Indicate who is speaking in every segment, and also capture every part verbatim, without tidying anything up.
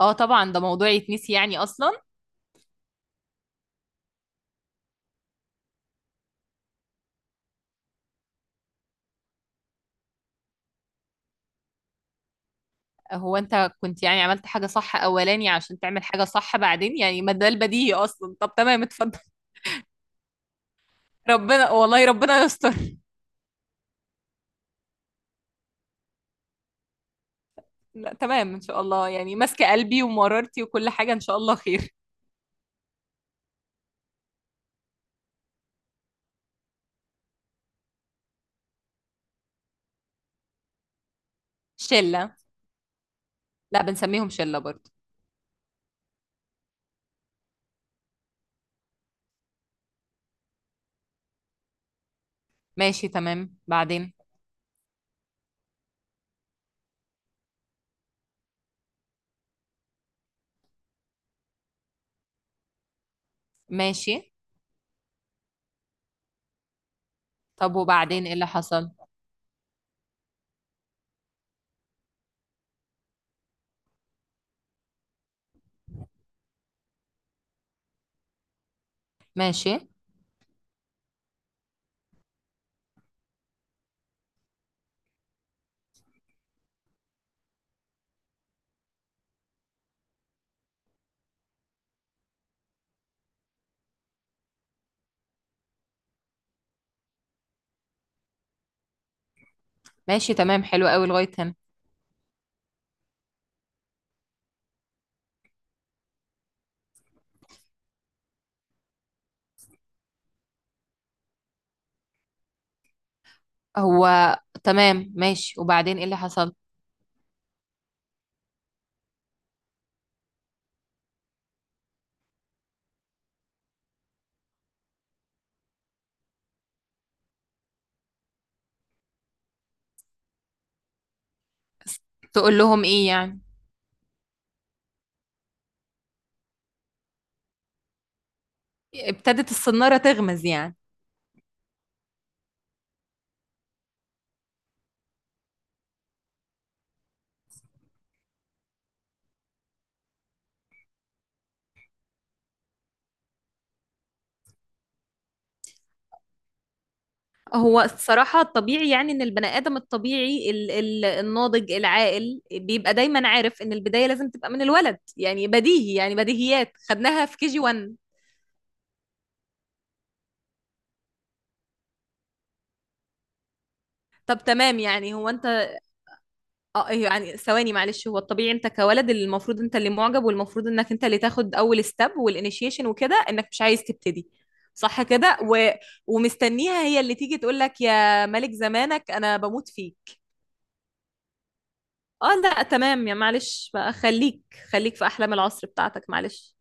Speaker 1: اه، طبعا ده موضوع يتنسي يعني اصلا. هو انت كنت يعني عملت حاجة صح اولاني عشان تعمل حاجة صح بعدين، يعني ما ده البديهي اصلا. طب تمام، اتفضل. ربنا، والله ربنا يستر. لا تمام، ان شاء الله، يعني ماسكة قلبي ومرارتي وكل حاجة، ان شاء الله خير. شلة. لا بنسميهم شلة برضه. ماشي تمام، بعدين. ماشي. طب وبعدين ايه اللي حصل؟ ماشي. ماشي تمام، حلو قوي لغاية هنا. هو. تمام ماشي، وبعدين ايه اللي حصل؟ تقول لهم ايه يعني؟ ابتدت الصنارة تغمز يعني. هو الصراحة الطبيعي، يعني إن البني آدم الطبيعي ال ال الناضج العاقل بيبقى دايما عارف إن البداية لازم تبقى من الولد، يعني بديهي، يعني بديهيات خدناها في كي جي واحد. طب تمام، يعني هو أنت آه إيه، يعني ثواني معلش، هو الطبيعي أنت كولد اللي المفروض أنت اللي معجب، والمفروض إنك أنت اللي تاخد أول ستيب والإنيشيشن وكده، إنك مش عايز تبتدي. صح كده و... ومستنيها هي اللي تيجي تقول لك يا ملك زمانك أنا بموت فيك. اه لا تمام يا، معلش بقى، خليك. خليك في احلام العصر بتاعتك معلش.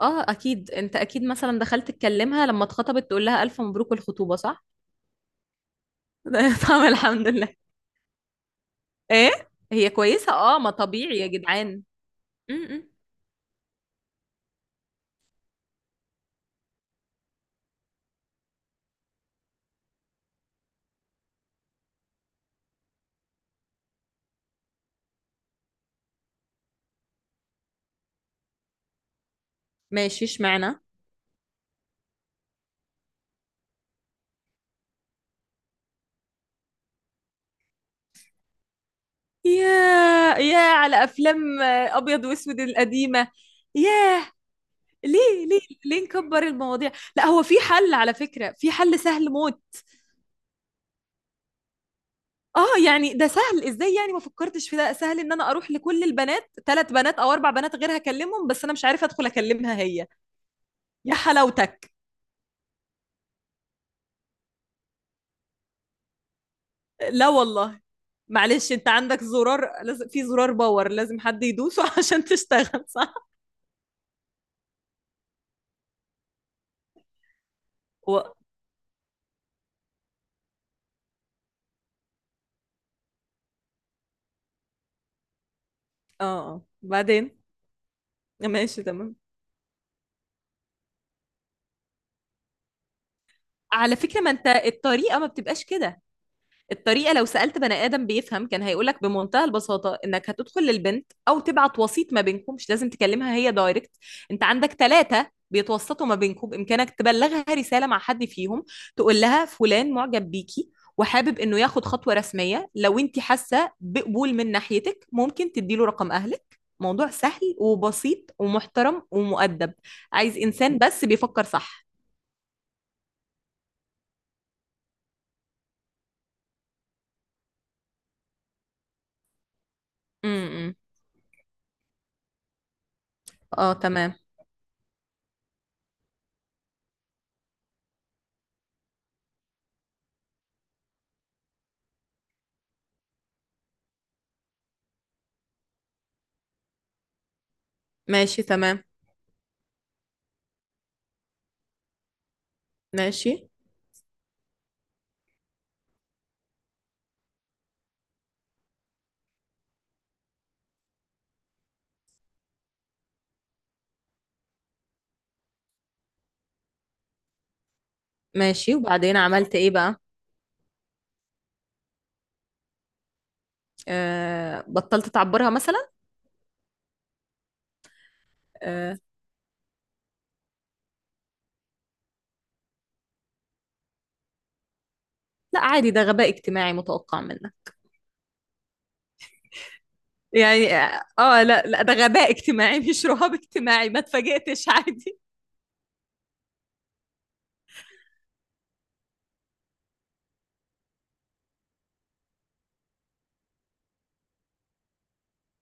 Speaker 1: اه اكيد انت اكيد مثلا دخلت تكلمها لما اتخطبت تقول لها الف مبروك الخطوبه صح. طب الحمد لله. ايه. هي كويسه، اه ما طبيعي يا جدعان. م-م. ماشي، اشمعنى؟ يا يا على افلام آه، ابيض واسود القديمه. ياه. ليه؟ ليه ليه نكبر المواضيع؟ لا هو في حل، على فكره في حل سهل موت. اه يعني ده سهل ازاي؟ يعني ما فكرتش في ده؟ سهل ان انا اروح لكل البنات، ثلاث بنات او اربع بنات غير، هكلمهم بس انا مش عارفه ادخل اكلمها هي. يا حلاوتك. لا والله. معلش انت عندك زرار، لازم في زرار باور لازم حد يدوسه عشان تشتغل صح. و... اه آه. بعدين. ماشي تمام. على فكرة ما انت الطريقة ما بتبقاش كده. الطريقة لو سألت بني آدم بيفهم كان هيقولك بمنتهى البساطة إنك هتدخل للبنت أو تبعت وسيط ما بينكم، مش لازم تكلمها هي دايركت. أنت عندك ثلاثة بيتوسطوا ما بينكم، بإمكانك تبلغها رسالة مع حد فيهم. تقول لها فلان معجب بيكي، وحابب إنه ياخد خطوة رسمية، لو أنت حاسة بقبول من ناحيتك ممكن تديله رقم أهلك، موضوع سهل وبسيط ومحترم ومؤدب. عايز إنسان بس بيفكر صح. امم. اه تمام. ماشي تمام. ماشي. ماشي، وبعدين عملت ايه بقى؟ آه بطلت تعبرها مثلا؟ آه. لا عادي، ده غباء اجتماعي متوقع منك. يعني اه آه، لا لا ده غباء اجتماعي مش رهاب اجتماعي، ما اتفاجئتش عادي.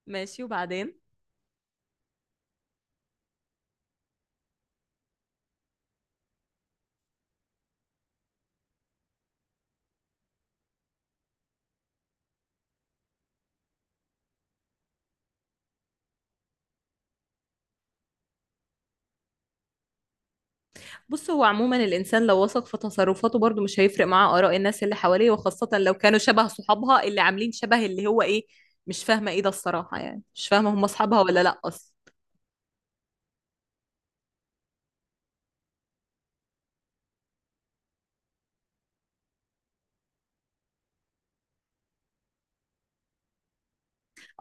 Speaker 1: ماشي، وبعدين؟ بص، هو عموما الانسان لو وثق في تصرفاته برضو مش هيفرق معاه اراء الناس اللي حواليه، وخاصة لو كانوا شبه صحابها اللي عاملين شبه اللي هو ايه. مش فاهمة ايه ده الصراحة، يعني مش فاهمة هم اصحابها ولا لا اصلا.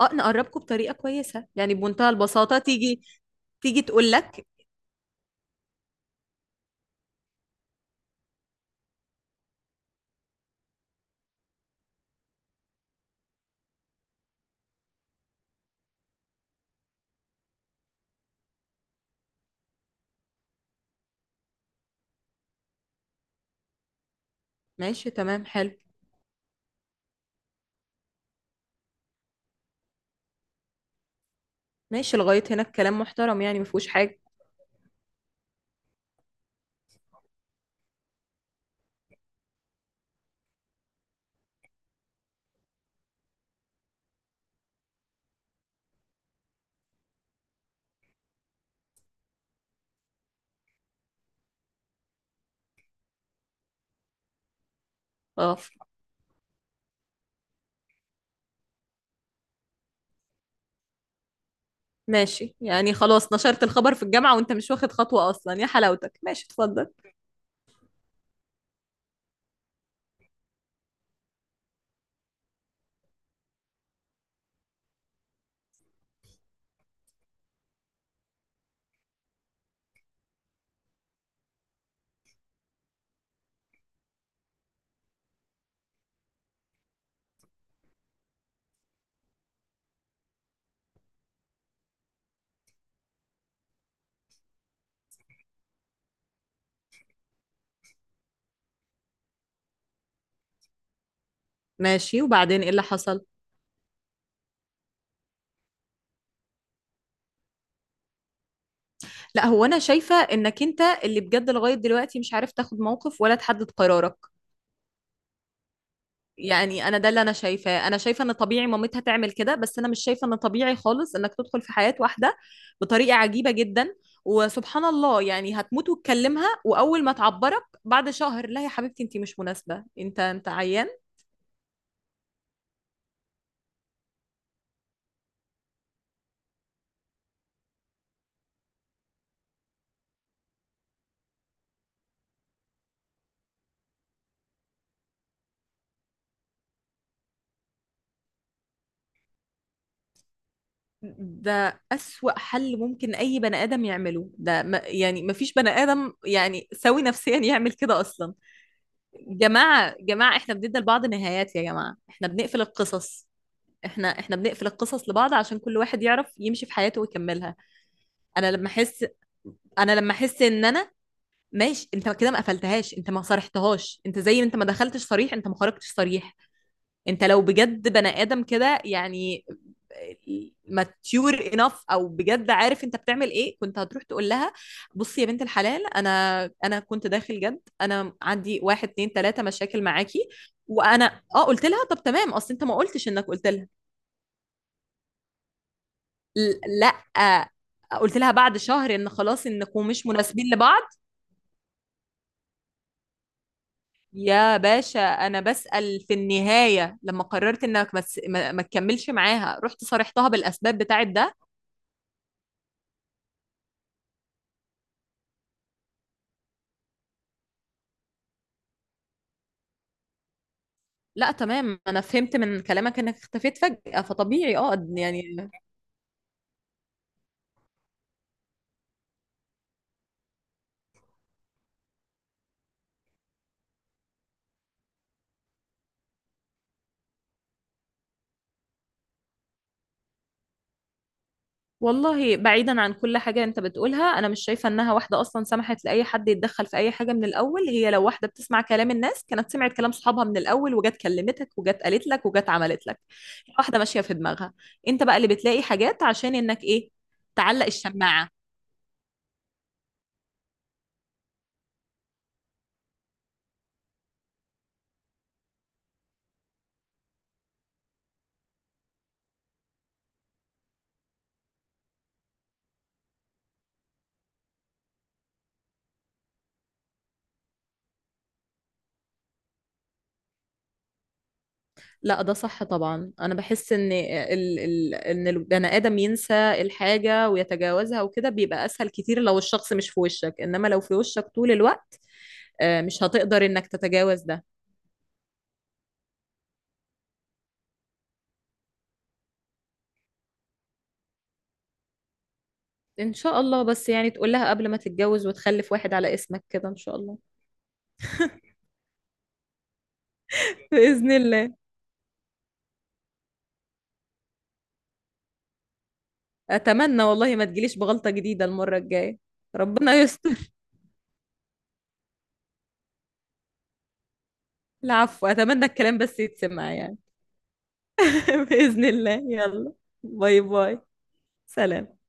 Speaker 1: اه نقربكم بطريقة كويسة، يعني بمنتهى البساطة تيجي تيجي تقول لك. ماشي تمام، حلو. ماشي لغاية هنا الكلام محترم، يعني مفهوش حاجة. اه. ماشي يعني، خلاص نشرت الخبر في الجامعة وانت مش واخد خطوة اصلا يا حلاوتك، ماشي اتفضل. ماشي، وبعدين ايه اللي حصل؟ لا هو انا شايفة انك انت اللي بجد لغاية دلوقتي مش عارف تاخد موقف ولا تحدد قرارك. يعني انا ده اللي انا شايفاه، انا شايفه ان طبيعي مامتها تعمل كده، بس انا مش شايفه ان طبيعي خالص انك تدخل في حياه واحده بطريقه عجيبه جدا. وسبحان الله يعني، هتموت وتكلمها واول ما تعبرك بعد شهر لا يا حبيبتي انت مش مناسبه، انت انت عيان. ده أسوأ حل ممكن أي بني آدم يعمله، ده ما يعني ما فيش بني آدم يعني سوي نفسيا يعمل كده أصلا. جماعة جماعة إحنا بندي لبعض نهايات، يا جماعة إحنا بنقفل القصص. إحنا إحنا بنقفل القصص لبعض عشان كل واحد يعرف يمشي في حياته ويكملها. أنا لما أحس أنا لما أحس إن أنا، ماشي أنت كده ما قفلتهاش، أنت ما صرحتهاش، أنت زي ما أنت ما دخلتش صريح أنت ما خرجتش صريح. انت لو بجد بني ادم كده، يعني ماتيور انف او بجد عارف انت بتعمل ايه، كنت هتروح تقول لها بصي يا بنت الحلال، انا انا كنت داخل جد، انا عندي واحد اتنين تلاته مشاكل معاكي. وانا اه قلت لها طب تمام، اصل انت ما قلتش انك قلت لها. ل- لا قلت لها بعد شهر ان خلاص انكم مش مناسبين لبعض. يا باشا انا بسأل، في النهاية لما قررت انك ما تس- ما ما تكملش معاها، رحت صارحتها بالاسباب بتاعت ده؟ لا تمام، انا فهمت من كلامك انك اختفيت فجأة فطبيعي اه يعني. والله بعيدا عن كل حاجة انت بتقولها، انا مش شايفة انها واحدة اصلا سمحت لأي حد يتدخل في اي حاجة من الاول، هي لو واحدة بتسمع كلام الناس كانت سمعت كلام صحابها من الاول وجت كلمتك وجت قالت لك وجت عملت لك. واحدة ماشية في دماغها. انت بقى اللي بتلاقي حاجات عشان انك ايه، تعلق الشماعة. لا ده صح طبعا، انا بحس ان ال... ال... ان البني ادم ينسى الحاجه ويتجاوزها وكده، بيبقى اسهل كتير لو الشخص مش في وشك، انما لو في وشك طول الوقت آه، مش هتقدر انك تتجاوز ده. ان شاء الله، بس يعني تقول لها قبل ما تتجوز وتخلف واحد على اسمك كده ان شاء الله. باذن الله. اتمنى والله ما تجيليش بغلطه جديده المره الجايه. ربنا يستر. العفو، اتمنى الكلام بس يتسمع يعني. باذن الله، يلا. باي باي. سلام.